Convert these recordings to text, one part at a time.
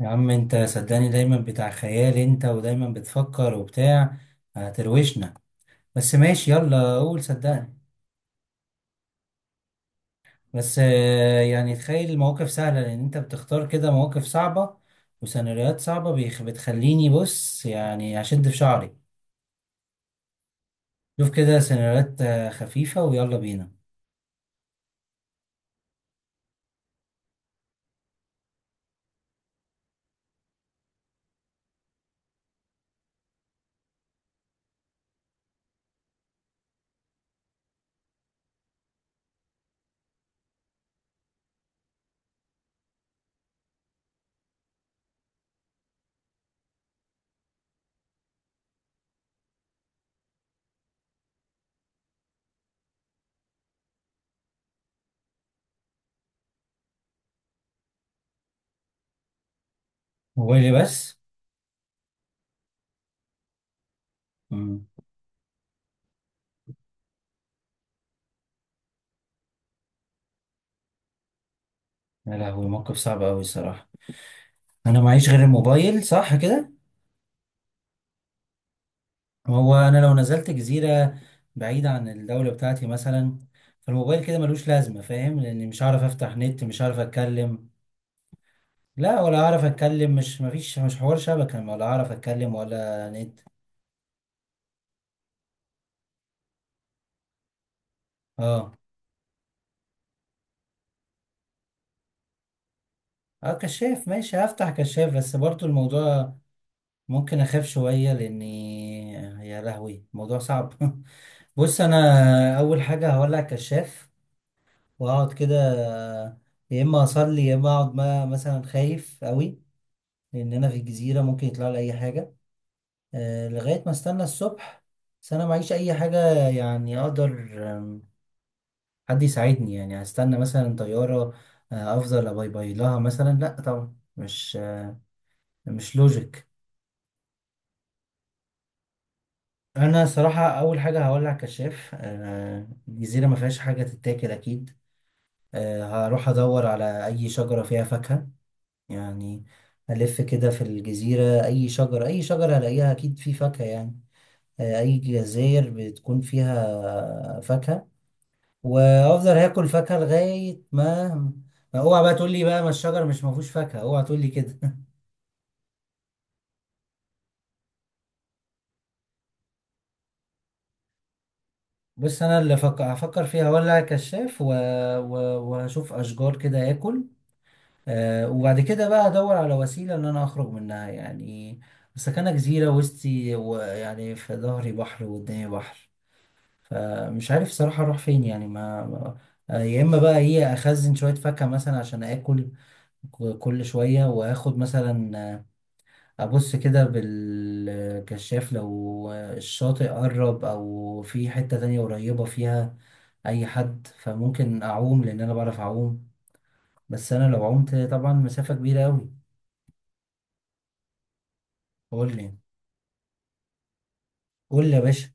يا عم انت صدقني دايما بتاع خيال انت ودايما بتفكر وبتاع هتروشنا. بس ماشي، يلا قول صدقني. بس يعني تخيل المواقف سهلة لان انت بتختار كده مواقف صعبة وسيناريوهات صعبة بتخليني، بص يعني هشد في شعري. شوف كده سيناريوهات خفيفة ويلا بينا. موبايلي بس. مم. يا لهوي، موقف صعب اوي الصراحة. انا معيش غير الموبايل، صح كده؟ هو انا لو نزلت جزيره بعيده عن الدوله بتاعتي مثلا، فالموبايل كده ملوش لازمه، فاهم؟ لاني مش هعرف افتح نت، مش هعرف اتكلم. لا، ولا هعرف اتكلم، مش حوار شبكه، ولا هعرف اتكلم ولا نت. اه. اه، كشاف ماشي، هفتح كشاف، بس برضو الموضوع ممكن اخاف شويه لاني، يا لهوي الموضوع صعب بص انا اول حاجه هولع الكشاف واقعد كده. يا اما اصلي يا اما اقعد مثلا خايف قوي، لأننا في الجزيرة ممكن يطلع لي أي حاجة. لغاية ما استنى الصبح، بس أنا معيش أي حاجة يعني أقدر. آم، حد يساعدني، يعني هستنى مثلا طيارة أفضل أباي باي لها مثلا؟ لأ طبعا، مش لوجيك. أنا صراحة أول حاجة هولع كشاف. الجزيرة ما فيهاش حاجة تتاكل أكيد. هروح أدور على أي شجرة فيها فاكهة، يعني ألف كده في الجزيرة، أي شجرة، أي شجرة هلاقيها أكيد في فاكهة يعني. اي جزاير بتكون فيها فاكهة، وافضل هاكل فاكهة لغاية ما. ما اوعى بقى تقول لي بقى ما الشجر مش ما فيهوش فاكهة، اوعى تقول لي كده. بص انا اللي هفكر فيها، ولا كشاف و... وهشوف اشجار كده اكل. أه وبعد كده بقى ادور على وسيلة ان انا اخرج منها، يعني سكنة جزيرة وسطي، ويعني في ظهري بحر وقدامي بحر، فمش عارف صراحة اروح فين يعني يا اما بقى ايه، اخزن شوية فاكهة مثلا عشان اكل كل شوية، وآخد مثلا أبص كده بالكشاف، لو الشاطئ قرب أو في حتة تانية قريبة فيها أي حد، فممكن أعوم لأن أنا بعرف أعوم، بس أنا لو عمت طبعا مسافة كبيرة أوي. قول لي، قول لي يا باشا.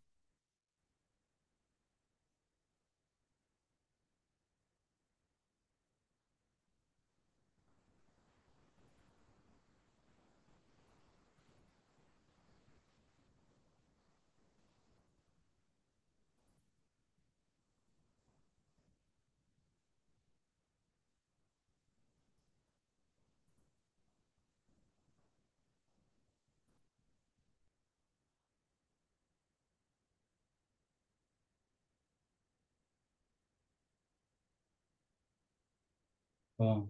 اه.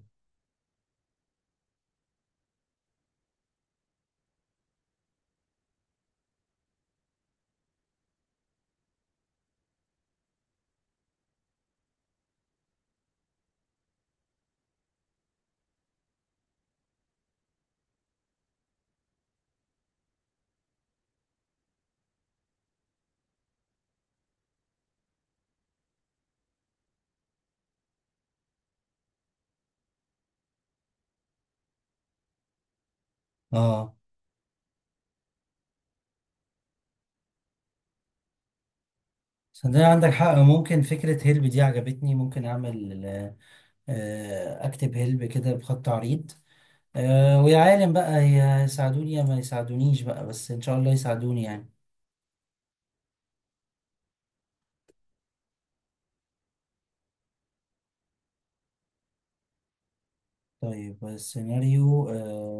اه، صدقني عندك حق، ممكن فكرة هيلب دي عجبتني، ممكن أعمل أكتب هيلب كده بخط عريض. ويا عالم بقى، يساعدوني يا ما يساعدونيش بقى، بس إن شاء الله يساعدوني يعني. طيب السيناريو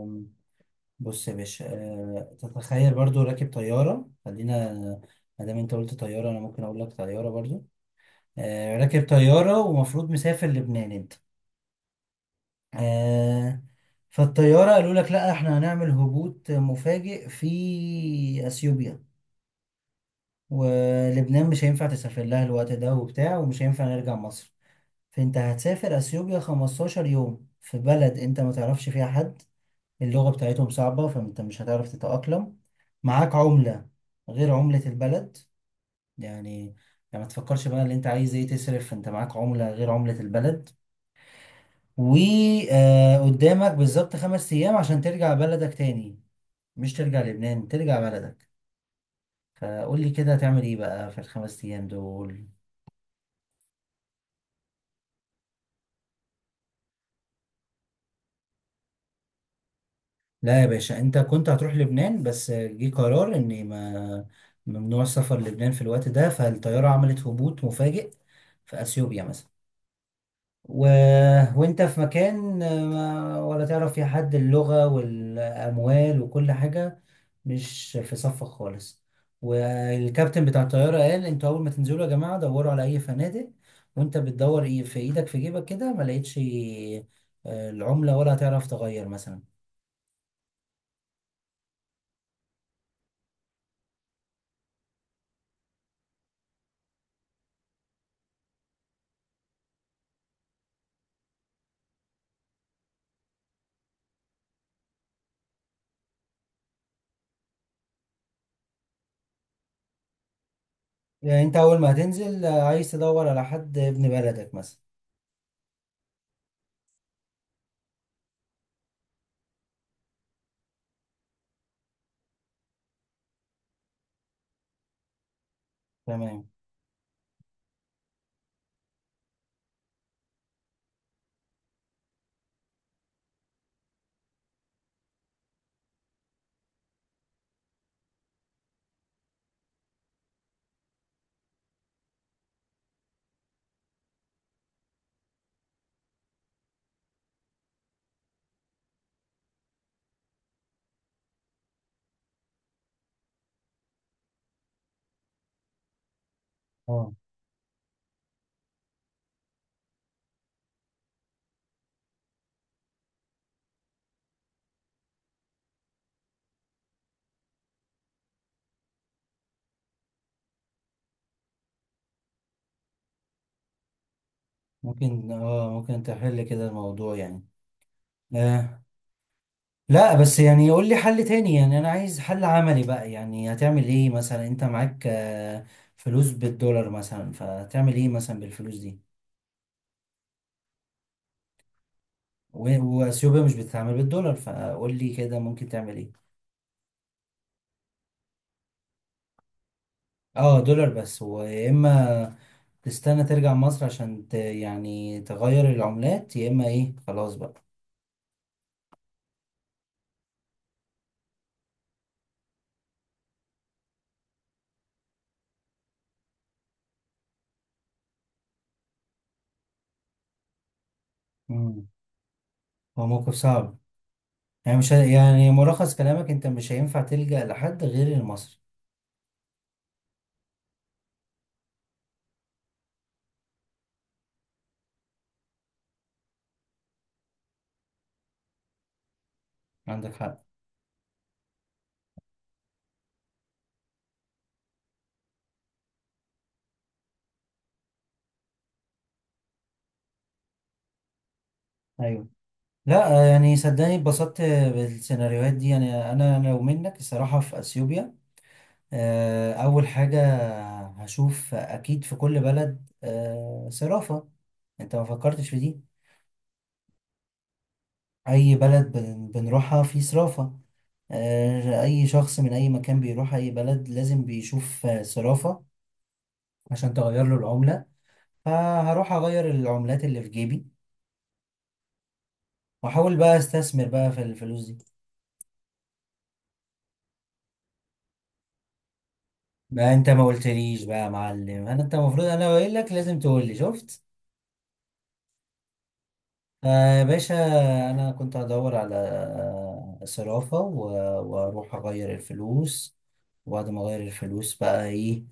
بص يا باشا، تتخيل برضو راكب طيارة، خلينا ما دام انت قلت طيارة انا ممكن اقول لك طيارة برضو. راكب طيارة ومفروض مسافر لبنان انت. آه، فالطيارة قالوا لك لا احنا هنعمل هبوط مفاجئ في اثيوبيا، ولبنان مش هينفع تسافر لها الوقت ده وبتاع، ومش هينفع نرجع مصر. فانت هتسافر اثيوبيا 15 يوم في بلد انت ما تعرفش فيها حد، اللغة بتاعتهم صعبة فانت مش هتعرف تتأقلم. معاك عملة غير عملة البلد، يعني يعني ما تفكرش بقى اللي انت عايز ايه تصرف، انت معاك عملة غير عملة البلد، وقدامك بالظبط خمس ايام عشان ترجع بلدك تاني، مش ترجع لبنان، ترجع بلدك. فقول لي كده هتعمل ايه بقى في الخمس ايام دول؟ لا يا باشا، انت كنت هتروح لبنان بس جه قرار ان ما، ممنوع السفر لبنان في الوقت ده، فالطيارة عملت هبوط مفاجئ في اثيوبيا مثلا. و... وانت في مكان ما، ولا تعرف فيه حد، اللغة والأموال وكل حاجة مش في صفك خالص. والكابتن بتاع الطيارة قال انتوا أول ما تنزلوا يا جماعة دوروا على أي فنادق، وانت بتدور ايه في ايدك في جيبك كده ما لقيتش العملة، ولا هتعرف تغير مثلا. يعني انت أول ما هتنزل عايز تدور على حد ابن بلدك مثلا. تمام. اه، ممكن، اه ممكن تحل كده الموضوع يعني. آه، لا بس يعني يقول لي حل تاني، يعني انا عايز حل عملي بقى، يعني هتعمل ايه مثلا، انت معاك فلوس بالدولار مثلا، فتعمل ايه مثلا بالفلوس دي؟ واثيوبيا مش بتتعامل بالدولار، فقول لي كده ممكن تعمل ايه. اه دولار بس، ويا اما تستنى ترجع مصر عشان ت يعني تغير العملات، يا اما ايه، خلاص بقى. مم. هو موقف صعب، يعني مش ه- يعني ملخص كلامك انت مش هينفع تلجأ لحد غير المصري. عندك حق. ايوه. لا يعني صدقني اتبسطت بالسيناريوهات دي. يعني انا لو منك الصراحه في اثيوبيا اول حاجه هشوف اكيد في كل بلد صرافه، انت ما فكرتش في دي. اي بلد بنروحها في صرافه. اي شخص من اي مكان بيروح اي بلد لازم بيشوف صرافه عشان تغير له العمله. فهروح اغير العملات اللي في جيبي، واحاول بقى استثمر بقى في الفلوس دي. ما انت ما قلتليش بقى يا معلم، انا انت المفروض انا قايل لك لازم تقول لي شفت. آه يا باشا، انا كنت هدور على صرافة واروح اغير الفلوس، وبعد ما اغير الفلوس بقى ايه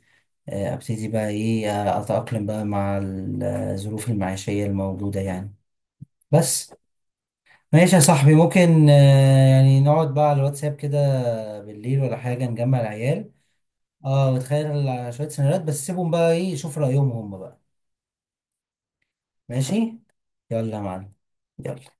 ابتدي بقى ايه اتأقلم بقى مع الظروف المعيشية الموجودة يعني. بس. ماشي يا صاحبي، ممكن يعني نقعد بقى على الواتساب كده بالليل ولا حاجة، نجمع العيال. اه وتخيل شوية سيناريوهات، بس سيبهم بقى ايه شوف رأيهم هم بقى. ماشي يلا يا معلم. يلا.